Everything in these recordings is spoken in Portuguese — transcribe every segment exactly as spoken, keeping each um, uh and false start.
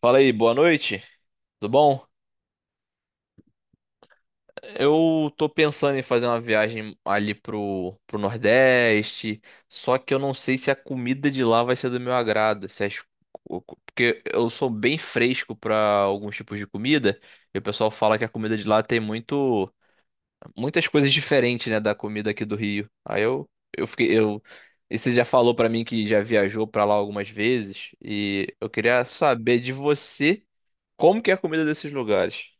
Fala aí, boa noite. Tudo bom? Eu tô pensando em fazer uma viagem ali pro, pro Nordeste, só que eu não sei se a comida de lá vai ser do meu agrado. Se as- Porque eu sou bem fresco pra alguns tipos de comida, e o pessoal fala que a comida de lá tem muito, muitas coisas diferentes, né, da comida aqui do Rio. Aí eu, eu fiquei, eu, E você já falou pra mim que já viajou pra lá algumas vezes, e eu queria saber de você como que é a comida desses lugares.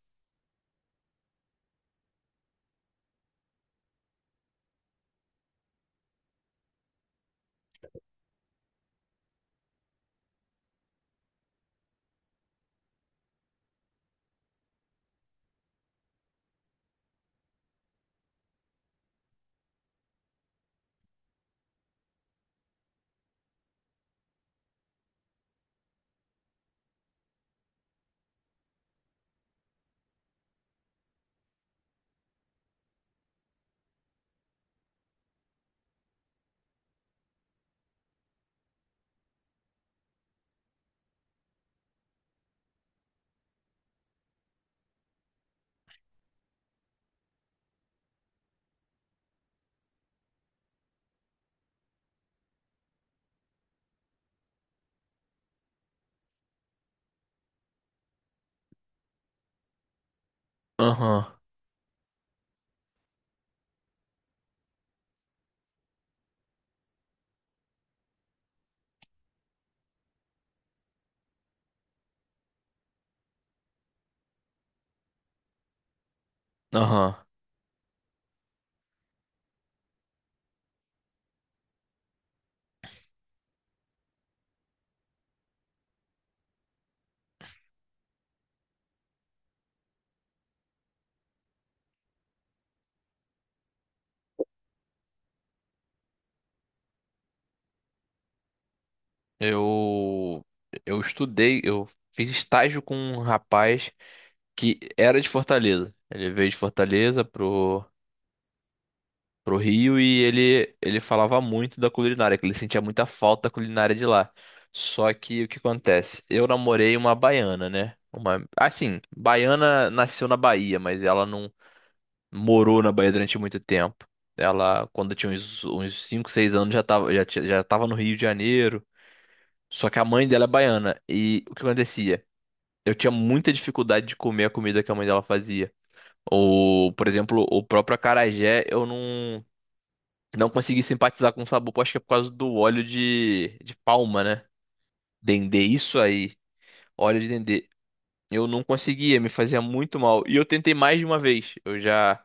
Aham. Aham. Eu eu estudei, eu fiz estágio com um rapaz que era de Fortaleza. Ele veio de Fortaleza pro pro Rio e ele ele falava muito da culinária, que ele sentia muita falta da culinária de lá. Só que o que acontece? Eu namorei uma baiana, né? Uma assim, baiana nasceu na Bahia, mas ela não morou na Bahia durante muito tempo. Ela, quando eu tinha uns, uns cinco seis anos, já tava, já, tinha- já tava no Rio de Janeiro. Só que a mãe dela é baiana. E o que acontecia? Eu tinha muita dificuldade de comer a comida que a mãe dela fazia. Ou, por exemplo, o próprio acarajé, eu não, não consegui simpatizar com o sabor. Acho que é por causa do óleo de, de palma, né? Dendê, isso aí. Óleo de dendê. Eu não conseguia, me fazia muito mal. E eu tentei mais de uma vez. Eu já.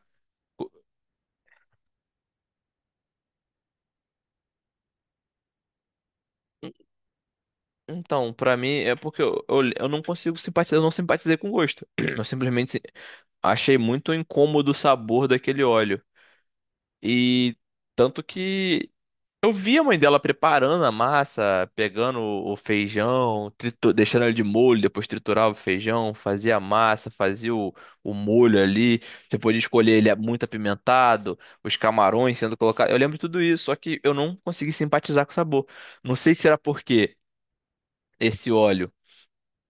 Então, pra mim, é porque eu, eu, eu não consigo simpatizar, eu não simpatizei com o gosto. Eu simplesmente achei muito incômodo o sabor daquele óleo. E tanto que eu vi a mãe dela preparando a massa, pegando o o feijão, tritu- deixando ele de molho, depois triturava o feijão, fazia a massa, fazia o, o molho ali. Você podia escolher ele muito apimentado, os camarões sendo colocados. Eu lembro de tudo isso, só que eu não consegui simpatizar com o sabor. Não sei se era porque esse óleo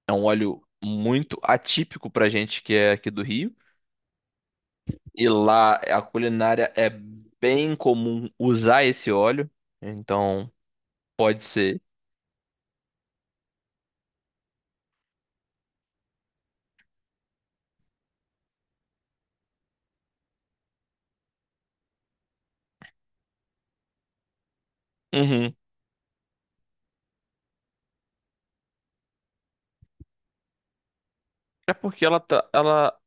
é um óleo muito atípico pra gente que é aqui do Rio. E lá a culinária é bem comum usar esse óleo, então pode ser. Uhum. É porque ela, tra- ela,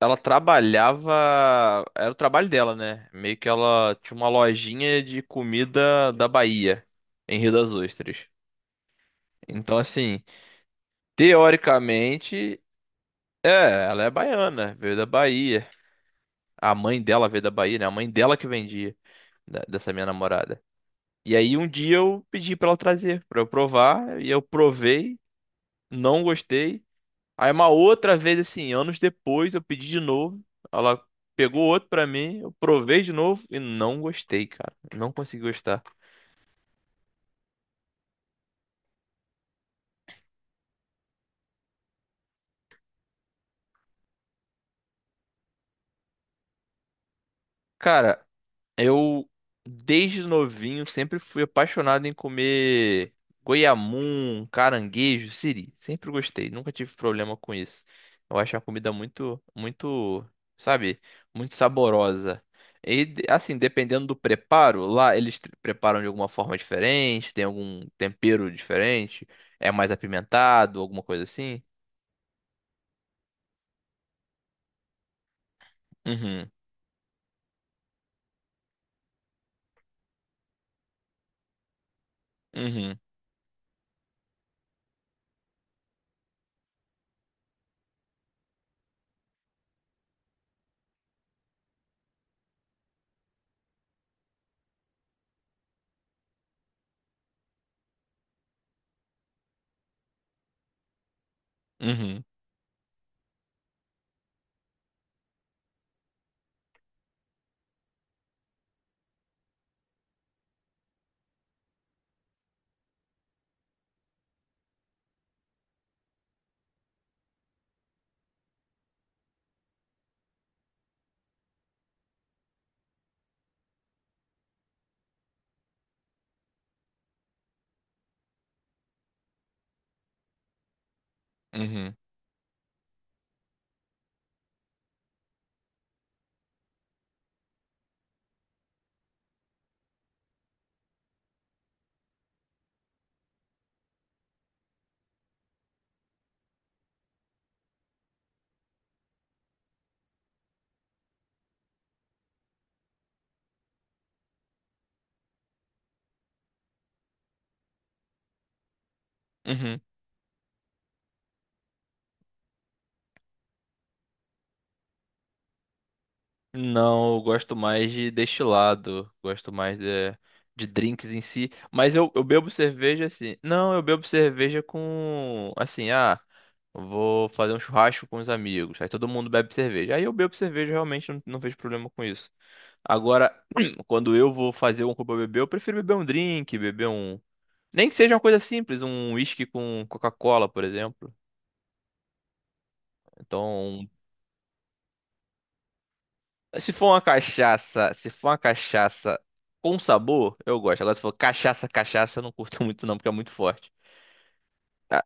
ela trabalhava, era o trabalho dela, né? Meio que ela tinha uma lojinha de comida da Bahia, em Rio das Ostras. Então, assim, teoricamente, é, ela é baiana, veio da Bahia. A mãe dela veio da Bahia, né? A mãe dela que vendia, da- dessa minha namorada. E aí um dia eu pedi pra ela trazer, pra eu provar, e eu provei, não gostei. Aí uma outra vez assim, anos depois, eu pedi de novo, ela pegou outro pra mim, eu provei de novo e não gostei, cara. Não consegui gostar. Cara, Eu, desde novinho, sempre fui apaixonado em comer goiamum, caranguejo, siri. Sempre gostei, nunca tive problema com isso. Eu acho a comida muito, muito, sabe, muito saborosa. E, de- assim, dependendo do preparo, lá eles tre- preparam de alguma forma diferente, tem algum tempero diferente, é mais apimentado, alguma coisa assim. Uhum, uhum, uhum, uhum, uhum, uhum. Não, eu gosto mais de destilado, gosto mais de, de drinks em si, mas eu, eu bebo cerveja assim. Não, eu bebo cerveja com assim, ah, vou fazer um churrasco com os amigos. Aí todo mundo bebe cerveja. Aí eu bebo cerveja, realmente não, não vejo problema com isso. Agora, quando eu vou fazer um copo pra beber, eu prefiro beber um drink, beber um, nem que seja uma coisa simples, um whisky com Coca-Cola, por exemplo. Então, Se for uma cachaça, se for uma cachaça com sabor, eu gosto. Agora, se for cachaça, cachaça, eu não curto muito não, porque é muito forte. Ah,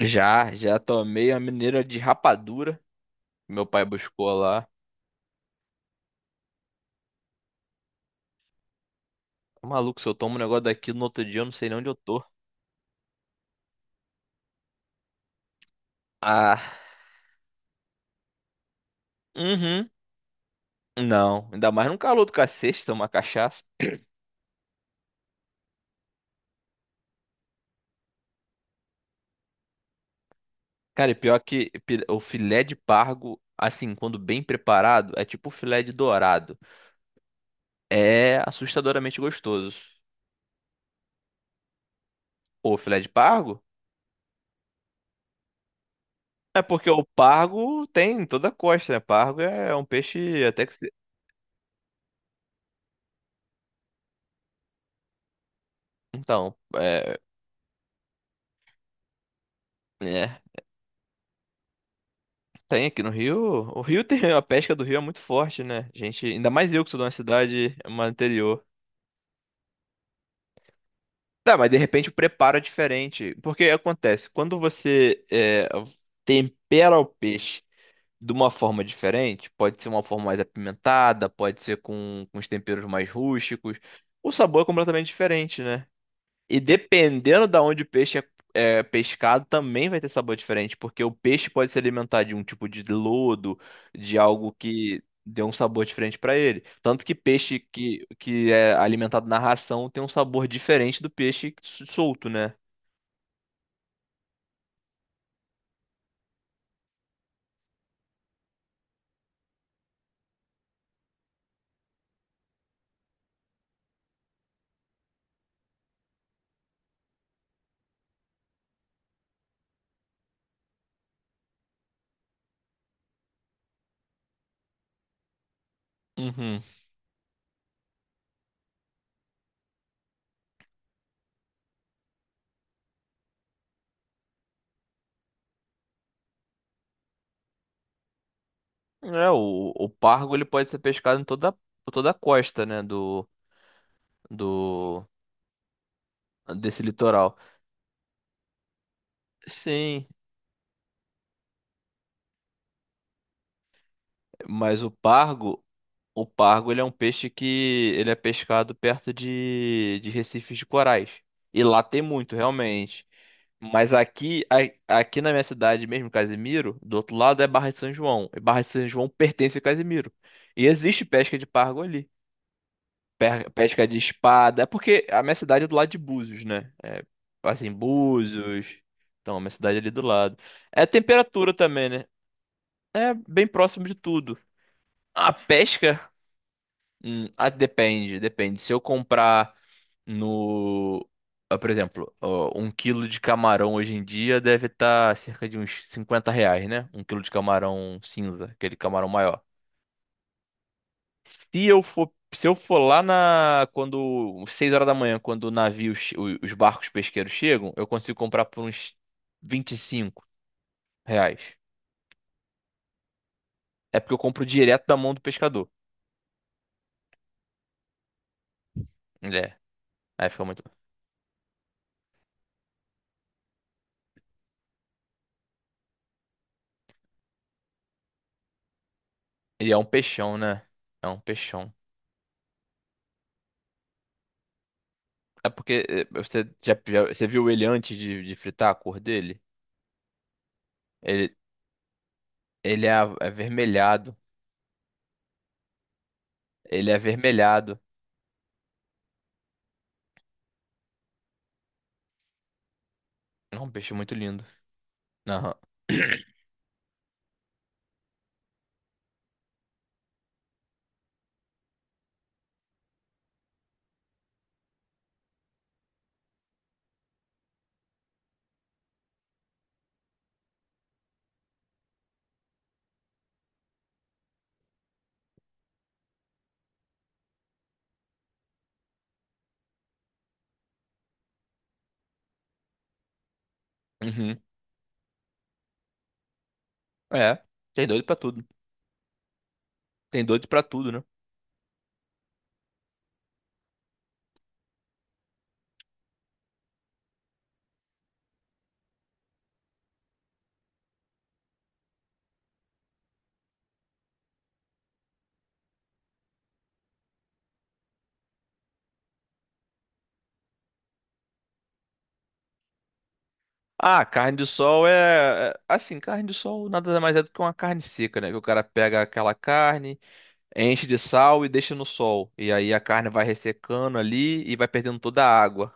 Já, já tomei a mineira de rapadura. Meu pai buscou lá. Maluco, se eu tomo um negócio daqui no outro dia, eu não sei nem onde eu tô. Ah, uhum. Não, ainda mais num calor do cacete tomar cachaça. Cara, e pior que pi- o filé de pargo, assim, quando bem preparado, é tipo o filé de dourado. É assustadoramente gostoso. O filé de pargo? É porque o pargo tem em toda a costa, né? Pargo é um peixe até que. se- Então, é, é, tem aqui no Rio. O Rio tem. A pesca do Rio é muito forte, né? Gente, ainda mais eu que sou de uma cidade mais interior. Tá, mas de repente o preparo é diferente. Porque acontece, quando você é, tempera o peixe de uma forma diferente, pode ser uma forma mais apimentada, pode ser com, com os temperos mais rústicos, o sabor é completamente diferente, né? E dependendo da onde o peixe é, é pescado, também vai ter sabor diferente, porque o peixe pode se alimentar de um tipo de lodo, de algo que dê um sabor diferente para ele. Tanto que peixe que, que é alimentado na ração tem um sabor diferente do peixe s- solto, né? Uhum. É, o, o pargo ele pode ser pescado em toda, por toda a costa, né, do, do desse litoral. Sim, mas o pargo O pargo, ele é um peixe que ele é pescado perto de, de recifes de corais. E lá tem muito, realmente. Mas aqui, a- aqui na minha cidade mesmo, Casimiro, do outro lado é Barra de São João. E Barra de São João pertence a Casimiro. E existe pesca de pargo ali. Per- Pesca de espada. É porque a minha cidade é do lado de Búzios, né? É, assim, Búzios. Então, a minha cidade é ali do lado. É temperatura também, né? É bem próximo de tudo. A pesca. Hum, ah, depende, depende. Se eu comprar no, ah, por exemplo, ó, um quilo de camarão hoje em dia deve estar cerca de uns cinquenta reais, né? Um quilo de camarão cinza, aquele camarão maior. Se eu for, se eu for lá na, quando, seis horas da manhã, quando o navio, che- o- os barcos pesqueiros chegam, eu consigo comprar por uns vinte e cinco reais. É porque eu compro direto da mão do pescador. É, aí fica muito. E é um peixão, né? É um peixão. É porque eh, você já, já- você viu ele antes de, de fritar a cor dele? Ele, ele é a- é avermelhado. Ele é avermelhado. É um peixe muito lindo. Aham. Uhum. É. Tem doido pra tudo. Tem doido pra tudo, né? Ah, carne de sol é. é- assim, carne de sol nada mais é do que uma carne seca, né? Que o cara pega aquela carne, enche de sal e deixa no sol. E aí a carne vai ressecando ali e vai perdendo toda a água.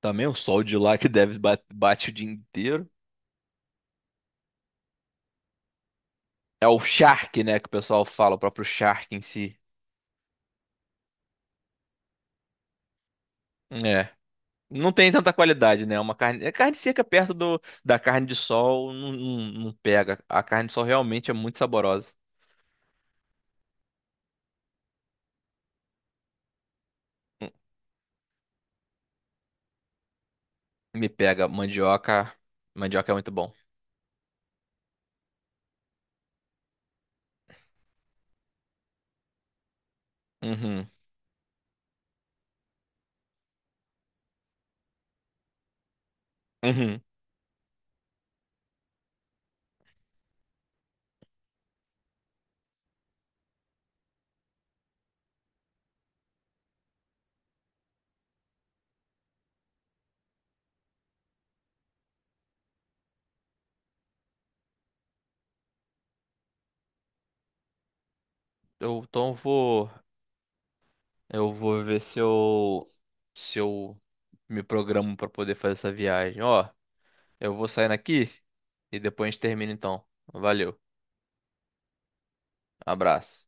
Também o sol de lá que deve bate, bate o dia inteiro. É o charque, né, que o pessoal fala, o próprio charque em si. É. Não tem tanta qualidade, né? É uma carne, é carne seca perto do, da carne de sol, não, não, não pega. A carne de sol realmente é muito saborosa. Hum, Me pega. Mandioca, mandioca é muito bom. Uhum, uhum. Eu, então eu vou, eu vou ver se eu, se eu me programo pra poder fazer essa viagem. Ó, eu vou saindo aqui e depois a gente termina então. Valeu. Abraço.